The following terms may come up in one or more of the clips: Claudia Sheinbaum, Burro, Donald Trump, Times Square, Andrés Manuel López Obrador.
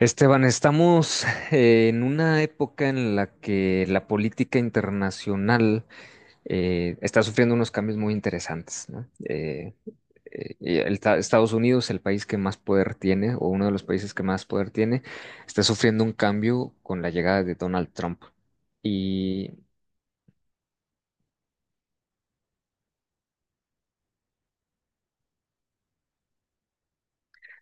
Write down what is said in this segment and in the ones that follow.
Esteban, estamos en una época en la que la política internacional está sufriendo unos cambios muy interesantes, ¿no? Y Estados Unidos, el país que más poder tiene, o uno de los países que más poder tiene, está sufriendo un cambio con la llegada de Donald Trump. Y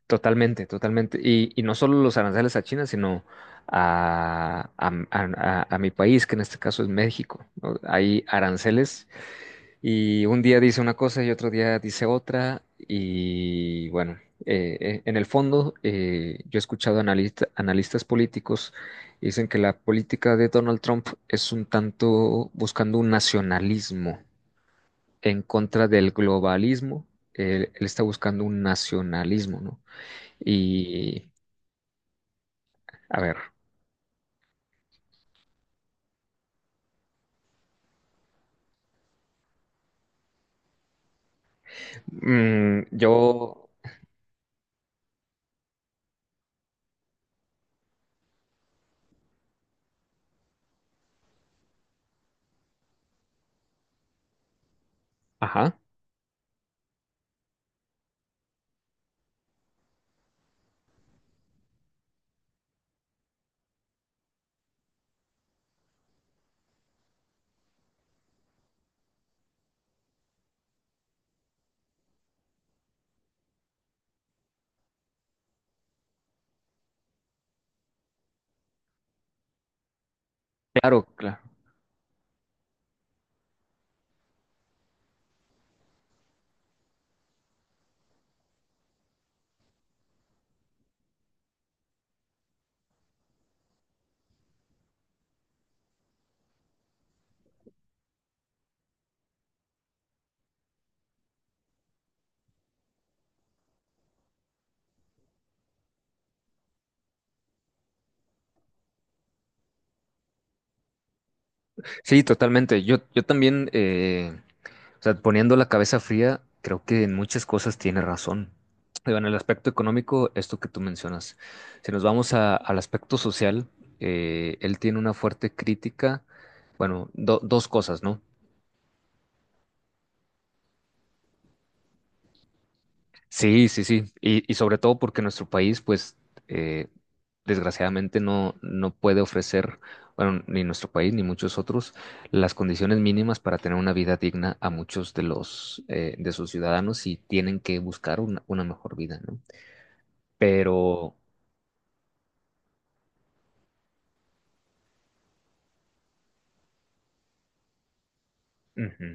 totalmente, totalmente. Y no solo los aranceles a China, sino a mi país, que en este caso es México, ¿no? Hay aranceles. Y un día dice una cosa y otro día dice otra. Y bueno, en el fondo yo he escuchado analistas políticos que dicen que la política de Donald Trump es un tanto buscando un nacionalismo en contra del globalismo. Él está buscando un nacionalismo, ¿no? Y a ver, yo... Ajá, claro, claro. Sí, totalmente. Yo también... o sea, poniendo la cabeza fría, creo que en muchas cosas tiene razón. Digo, en el aspecto económico, esto que tú mencionas. Si nos vamos al aspecto social, él tiene una fuerte crítica, bueno, dos cosas, ¿no? Sí, sí, sí. Y sobre todo porque nuestro país, pues, eh, desgraciadamente no puede ofrecer, bueno, ni nuestro país ni muchos otros, las condiciones mínimas para tener una vida digna a muchos de los, de sus ciudadanos y tienen que buscar una mejor vida, ¿no? Pero ujú,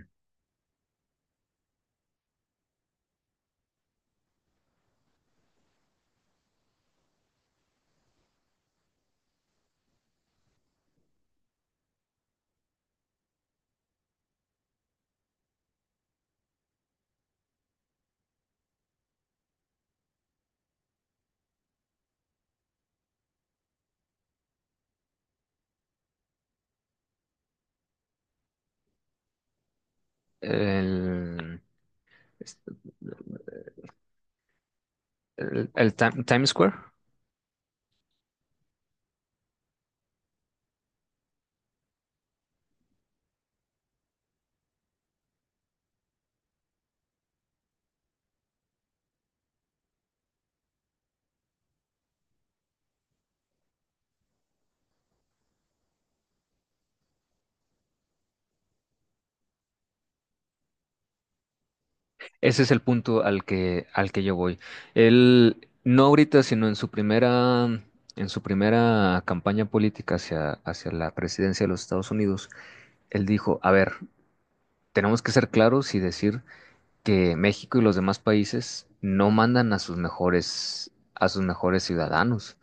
el, el Times Square, ese es el punto al que yo voy. Él, no ahorita, sino en su primera campaña política hacia la presidencia de los Estados Unidos, él dijo, a ver, tenemos que ser claros y decir que México y los demás países no mandan a sus mejores ciudadanos.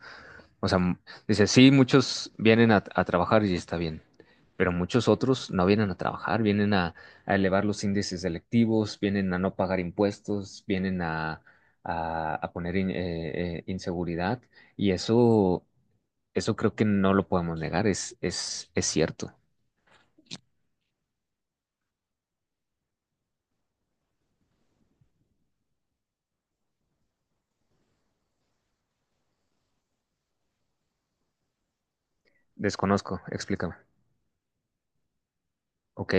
O sea, dice, sí, muchos vienen a trabajar y está bien, pero muchos otros no vienen a trabajar, vienen a elevar los índices electivos, vienen a no pagar impuestos, vienen a, a poner inseguridad y eso creo que no lo podemos negar, es cierto. Desconozco, explícame. Ok.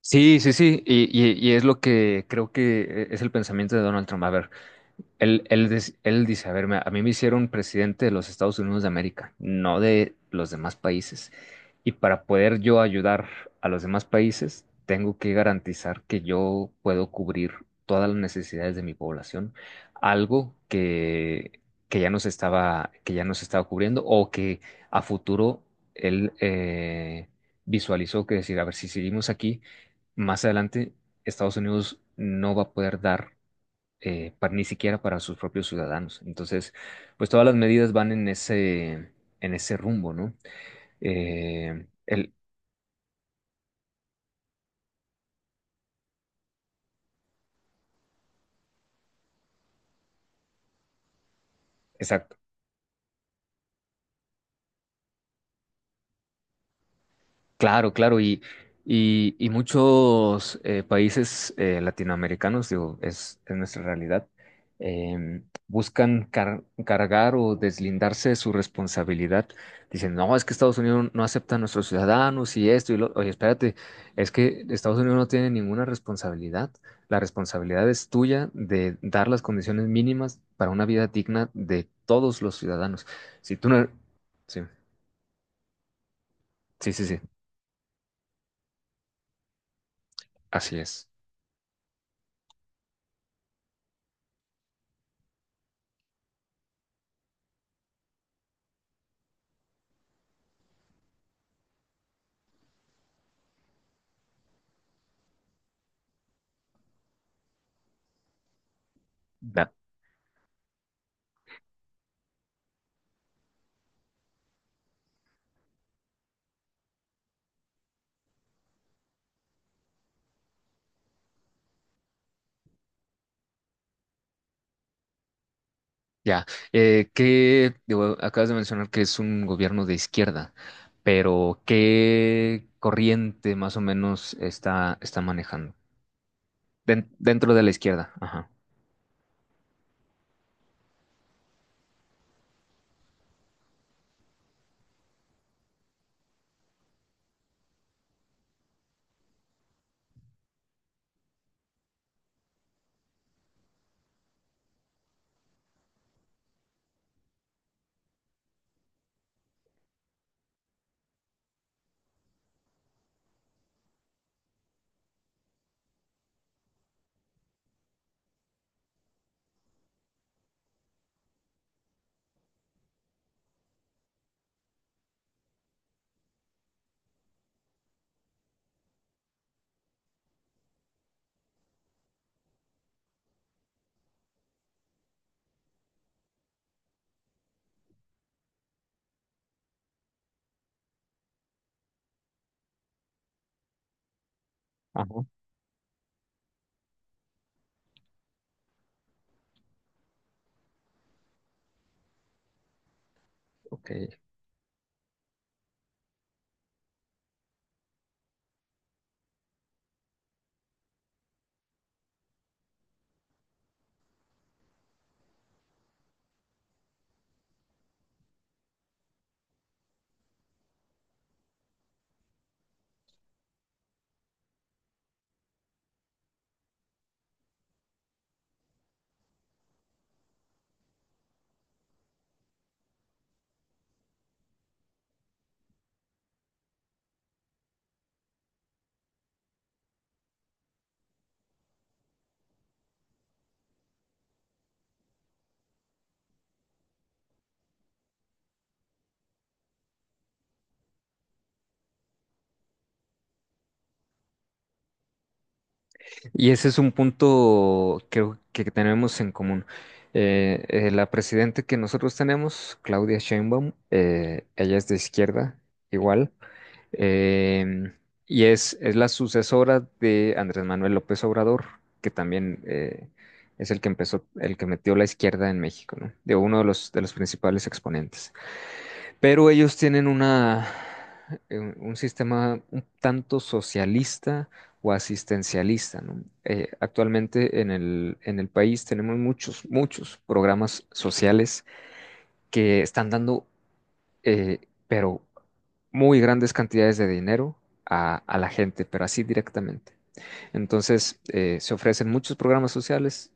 Sí, sí, sí, y es lo que creo que es el pensamiento de Donald Trump. A ver, él dice, a ver, a mí me hicieron presidente de los Estados Unidos de América, no de los demás países. Y para poder yo ayudar a los demás países, tengo que garantizar que yo puedo cubrir todas las necesidades de mi población, algo que ya no se estaba, que ya no se estaba cubriendo o que a futuro él visualizó que decir, a ver, si seguimos aquí, más adelante Estados Unidos no va a poder dar ni siquiera para sus propios ciudadanos. Entonces, pues todas las medidas van en ese rumbo, ¿no? Eh, el, claro, claro, y muchos países latinoamericanos, digo, es nuestra realidad, eh, buscan cargar o deslindarse de su responsabilidad. Dicen, no, es que Estados Unidos no acepta a nuestros ciudadanos y esto y lo. Oye, espérate, es que Estados Unidos no tiene ninguna responsabilidad. La responsabilidad es tuya de dar las condiciones mínimas para una vida digna de todos los ciudadanos. Si tú no. Sí, sí, sí, sí, así es. Da- Ya, ¿qué, digo, acabas de mencionar que es un gobierno de izquierda, pero qué corriente más o menos está, está manejando? Dentro de la izquierda, ajá. Ajá, ok. Y ese es un punto creo que tenemos en común. La presidenta que nosotros tenemos, Claudia Sheinbaum, ella es de izquierda, igual. Em, y es la sucesora de Andrés Manuel López Obrador, que también es el que empezó, el que metió la izquierda en México, ¿no? De uno de los principales exponentes. Pero ellos tienen una, un sistema un tanto socialista o asistencialista, ¿no? Actualmente en el país tenemos muchos, muchos programas sociales que están dando eh, pero muy grandes cantidades de dinero a la gente, pero así directamente. Entonces, se ofrecen muchos programas sociales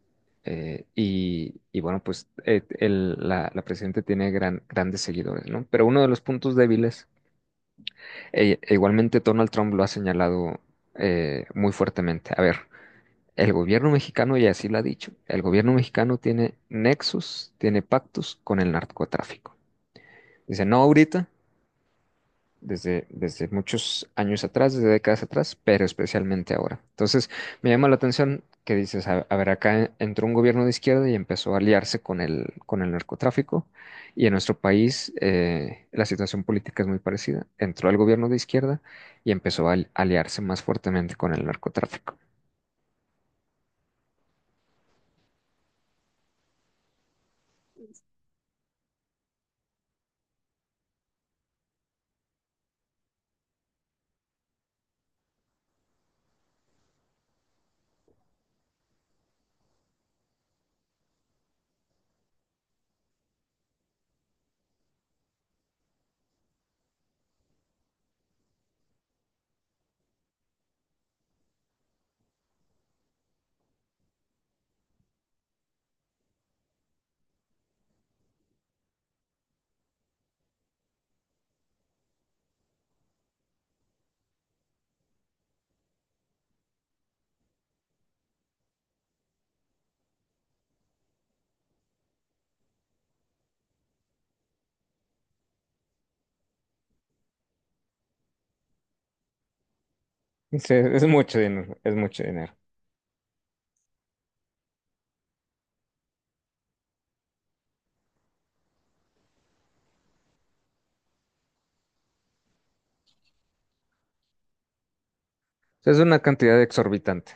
y bueno, pues la presidenta tiene grandes seguidores, ¿no? Pero uno de los puntos débiles, e igualmente Donald Trump lo ha señalado muy fuertemente. A ver, el gobierno mexicano, y así lo ha dicho, el gobierno mexicano tiene nexos, tiene pactos con el narcotráfico. Dice, no ahorita, desde muchos años atrás, desde décadas atrás, pero especialmente ahora. Entonces, me llama la atención que dices, a ver, acá entró un gobierno de izquierda y empezó a aliarse con con el narcotráfico, y en nuestro país la situación política es muy parecida. Entró el gobierno de izquierda y empezó aliarse más fuertemente con el narcotráfico. Sí, es mucho dinero, es mucho dinero. Es una cantidad exorbitante.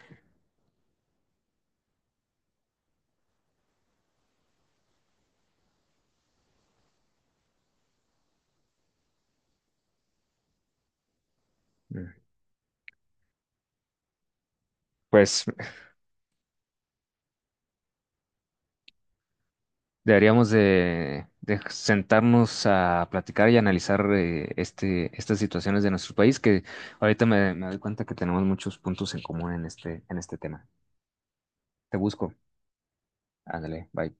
Mm. Pues deberíamos de sentarnos a platicar y analizar estas situaciones de nuestro país, que ahorita me doy cuenta que tenemos muchos puntos en común en este tema. Te busco. Ándale, bye.